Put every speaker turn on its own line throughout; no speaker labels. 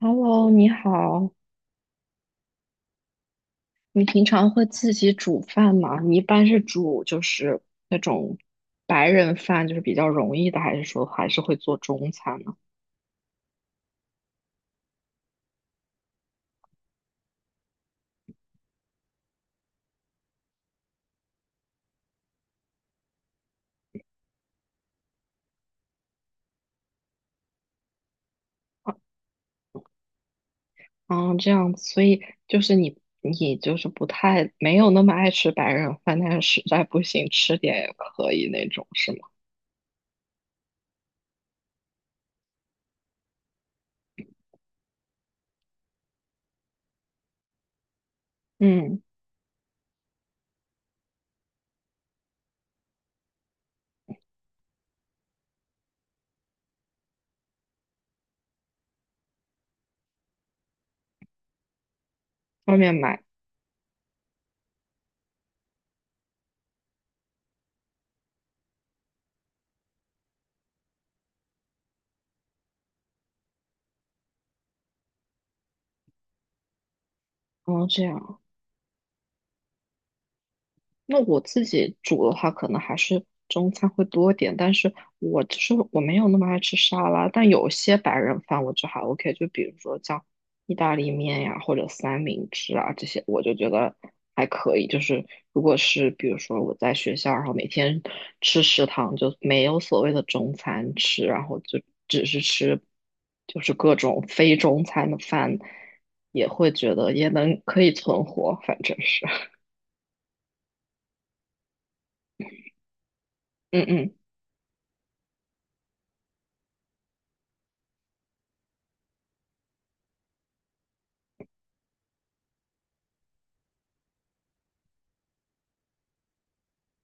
Hello，你好，你平常会自己煮饭吗？你一般是煮就是那种白人饭，就是比较容易的，还是说还是会做中餐呢？嗯，这样子，所以就是你就是不太没有那么爱吃白人饭，但是实在不行吃点也可以那种，是吗？嗯，外面买，哦，这样，那我自己煮的话，可能还是中餐会多一点，但是我就是我没有那么爱吃沙拉，但有些白人饭我就还 OK，就比如说像意大利面呀，或者三明治啊这些，我就觉得还可以。就是如果是比如说我在学校，然后每天吃食堂，就没有所谓的中餐吃，然后就只是吃就是各种非中餐的饭，也会觉得也能可以存活，反正是，嗯嗯，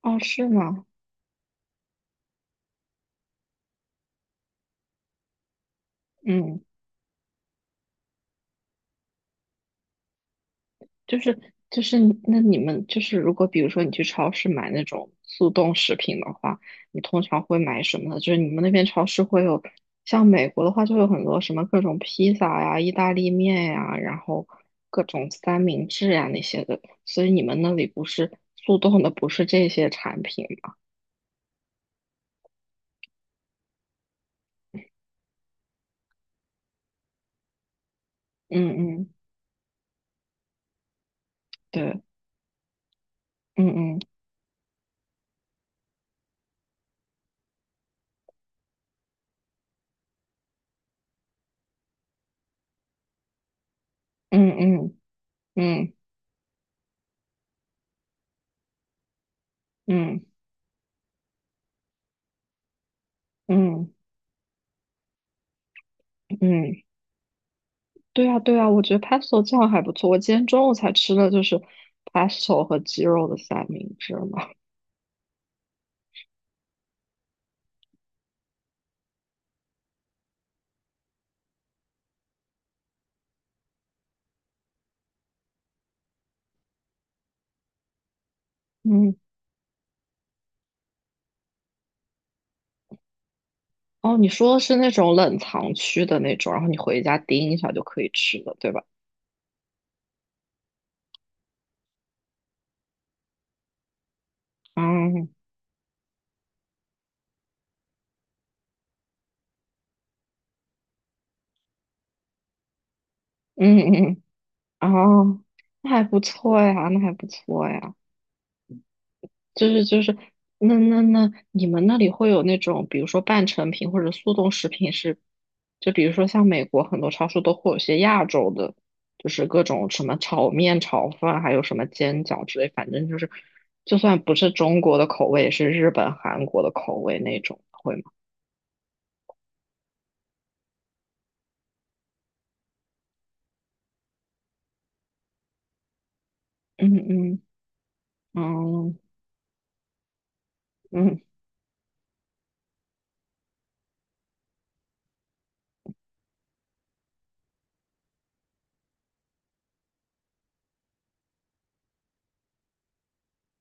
哦，是吗？嗯，就是你们就是如果比如说你去超市买那种速冻食品的话，你通常会买什么呢？就是你们那边超市会有，像美国的话就有很多什么各种披萨呀、意大利面呀，然后各种三明治呀那些的，所以你们那里不是速冻的，不是这些产品吗？嗯嗯，对，嗯嗯嗯嗯嗯嗯嗯嗯。嗯对啊，对啊，我觉得 pesto 酱还不错。我今天中午才吃的就是 pesto 和鸡肉的三明治嘛。嗯，哦，你说的是那种冷藏区的那种，然后你回家叮一下就可以吃的，对吧？嗯嗯嗯，嗯哦，那还不错呀，那还不错呀。就是就是，那，你们那里会有那种，比如说半成品或者速冻食品是，就比如说像美国很多超市都会有些亚洲的，就是各种什么炒面、炒饭，还有什么煎饺之类，反正就是，就算不是中国的口味，也是日本、韩国的口味那种，会吗？嗯嗯嗯嗯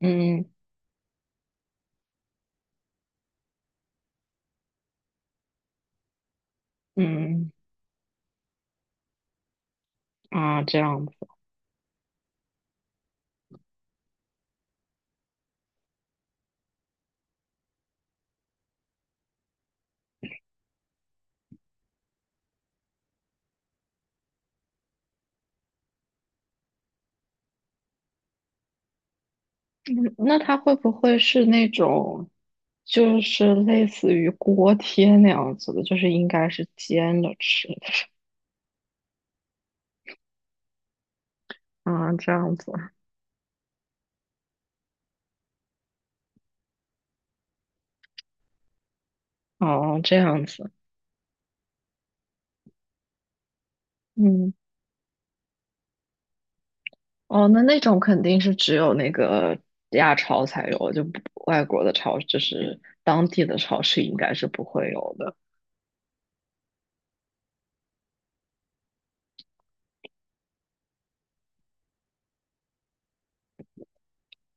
嗯嗯啊，这样吧。嗯那它会不会是那种，就是类似于锅贴那样子的，就是应该是煎着吃的啊，这样子，哦，这样子，嗯，哦，那种肯定是只有那个亚超才有，就不外国的超，就是当地的超市应该是不会有的，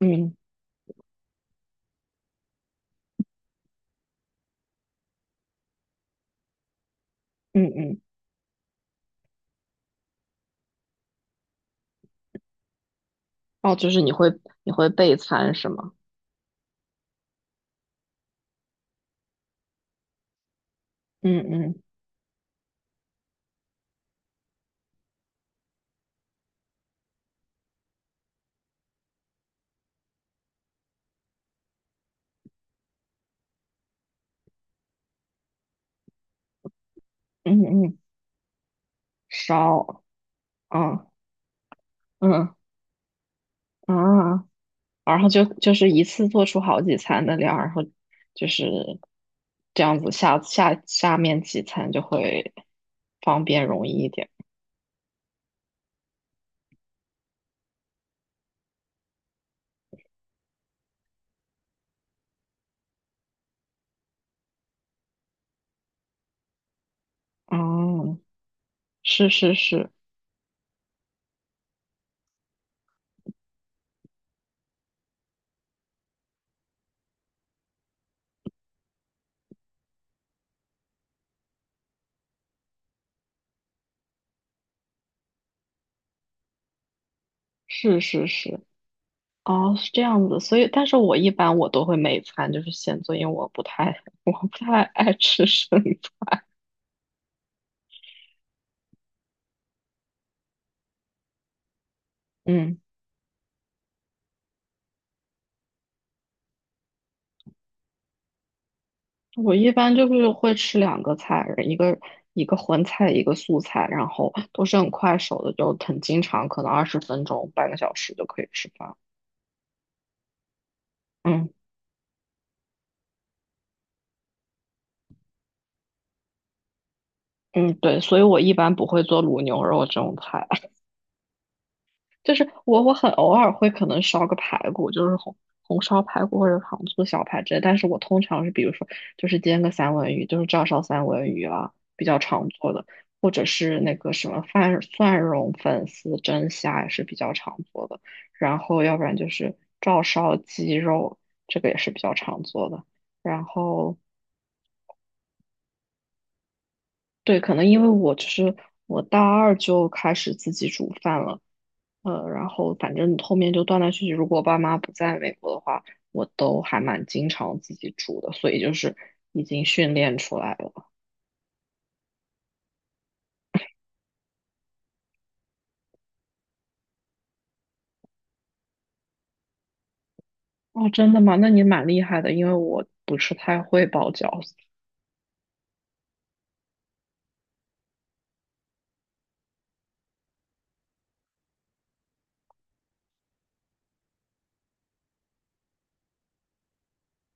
嗯嗯嗯，哦，就是你会备餐是吗？嗯嗯嗯嗯，烧，啊嗯嗯啊。然后就是一次做出好几餐的量，然后就是这样子下面几餐就会方便容易一点。哦，是是是是是是，哦，是这样子。所以，但是我一般我都会每餐就是先做，因为我不太 我不太爱吃生的。嗯，我一般就是会吃两个菜，一个荤菜，一个素菜，然后都是很快手的，就很经常，可能20分钟、半个小时就可以吃饭。嗯嗯，对，所以我一般不会做卤牛肉这种菜，就是我很偶尔会可能烧个排骨，就是红烧排骨或者糖醋小排之类，但是我通常是比如说就是煎个三文鱼，就是照烧三文鱼啊，比较常做的，或者是那个什么蒜蓉粉丝蒸虾也是比较常做的，然后要不然就是照烧鸡肉，这个也是比较常做的。然后对，可能因为我就是我大二就开始自己煮饭了。呃，然后反正后面就断断续续，如果我爸妈不在美国的话，我都还蛮经常自己煮的，所以就是已经训练出来了。哦，真的吗？那你蛮厉害的，因为我不是太会包饺子。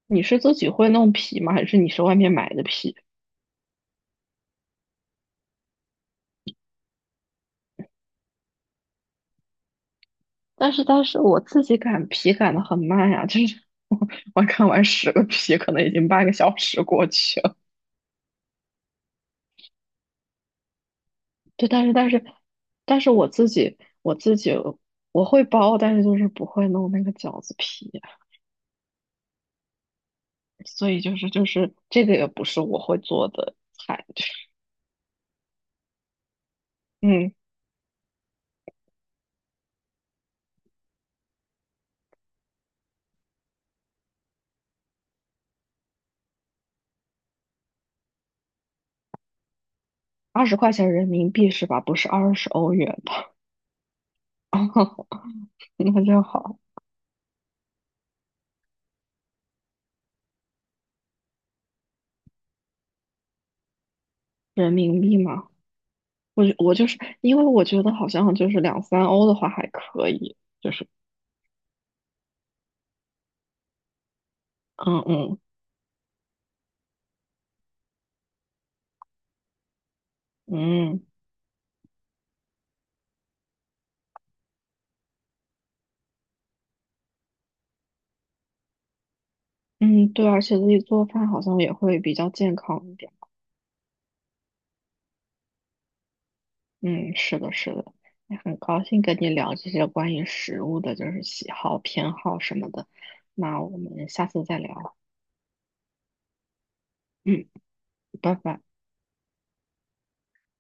你是自己会弄皮吗？还是你是外面买的皮？但是我自己擀皮擀的很慢呀，就是 我我擀完10个皮，可能已经半个小时过去了。对，但是我自己我自己我会包，但是就是不会弄那个饺子皮。所以就是就是这个也不是我会做的菜，就是嗯，20块钱人民币是吧？不是20欧元吧？那就好，人民币嘛。我我就是因为我觉得好像就是两三欧的话还可以，就是嗯嗯嗯嗯，对，而且自己做饭好像也会比较健康一点。嗯，是的，是的，也很高兴跟你聊这些关于食物的，就是喜好、偏好什么的。那我们下次再聊。嗯，拜拜。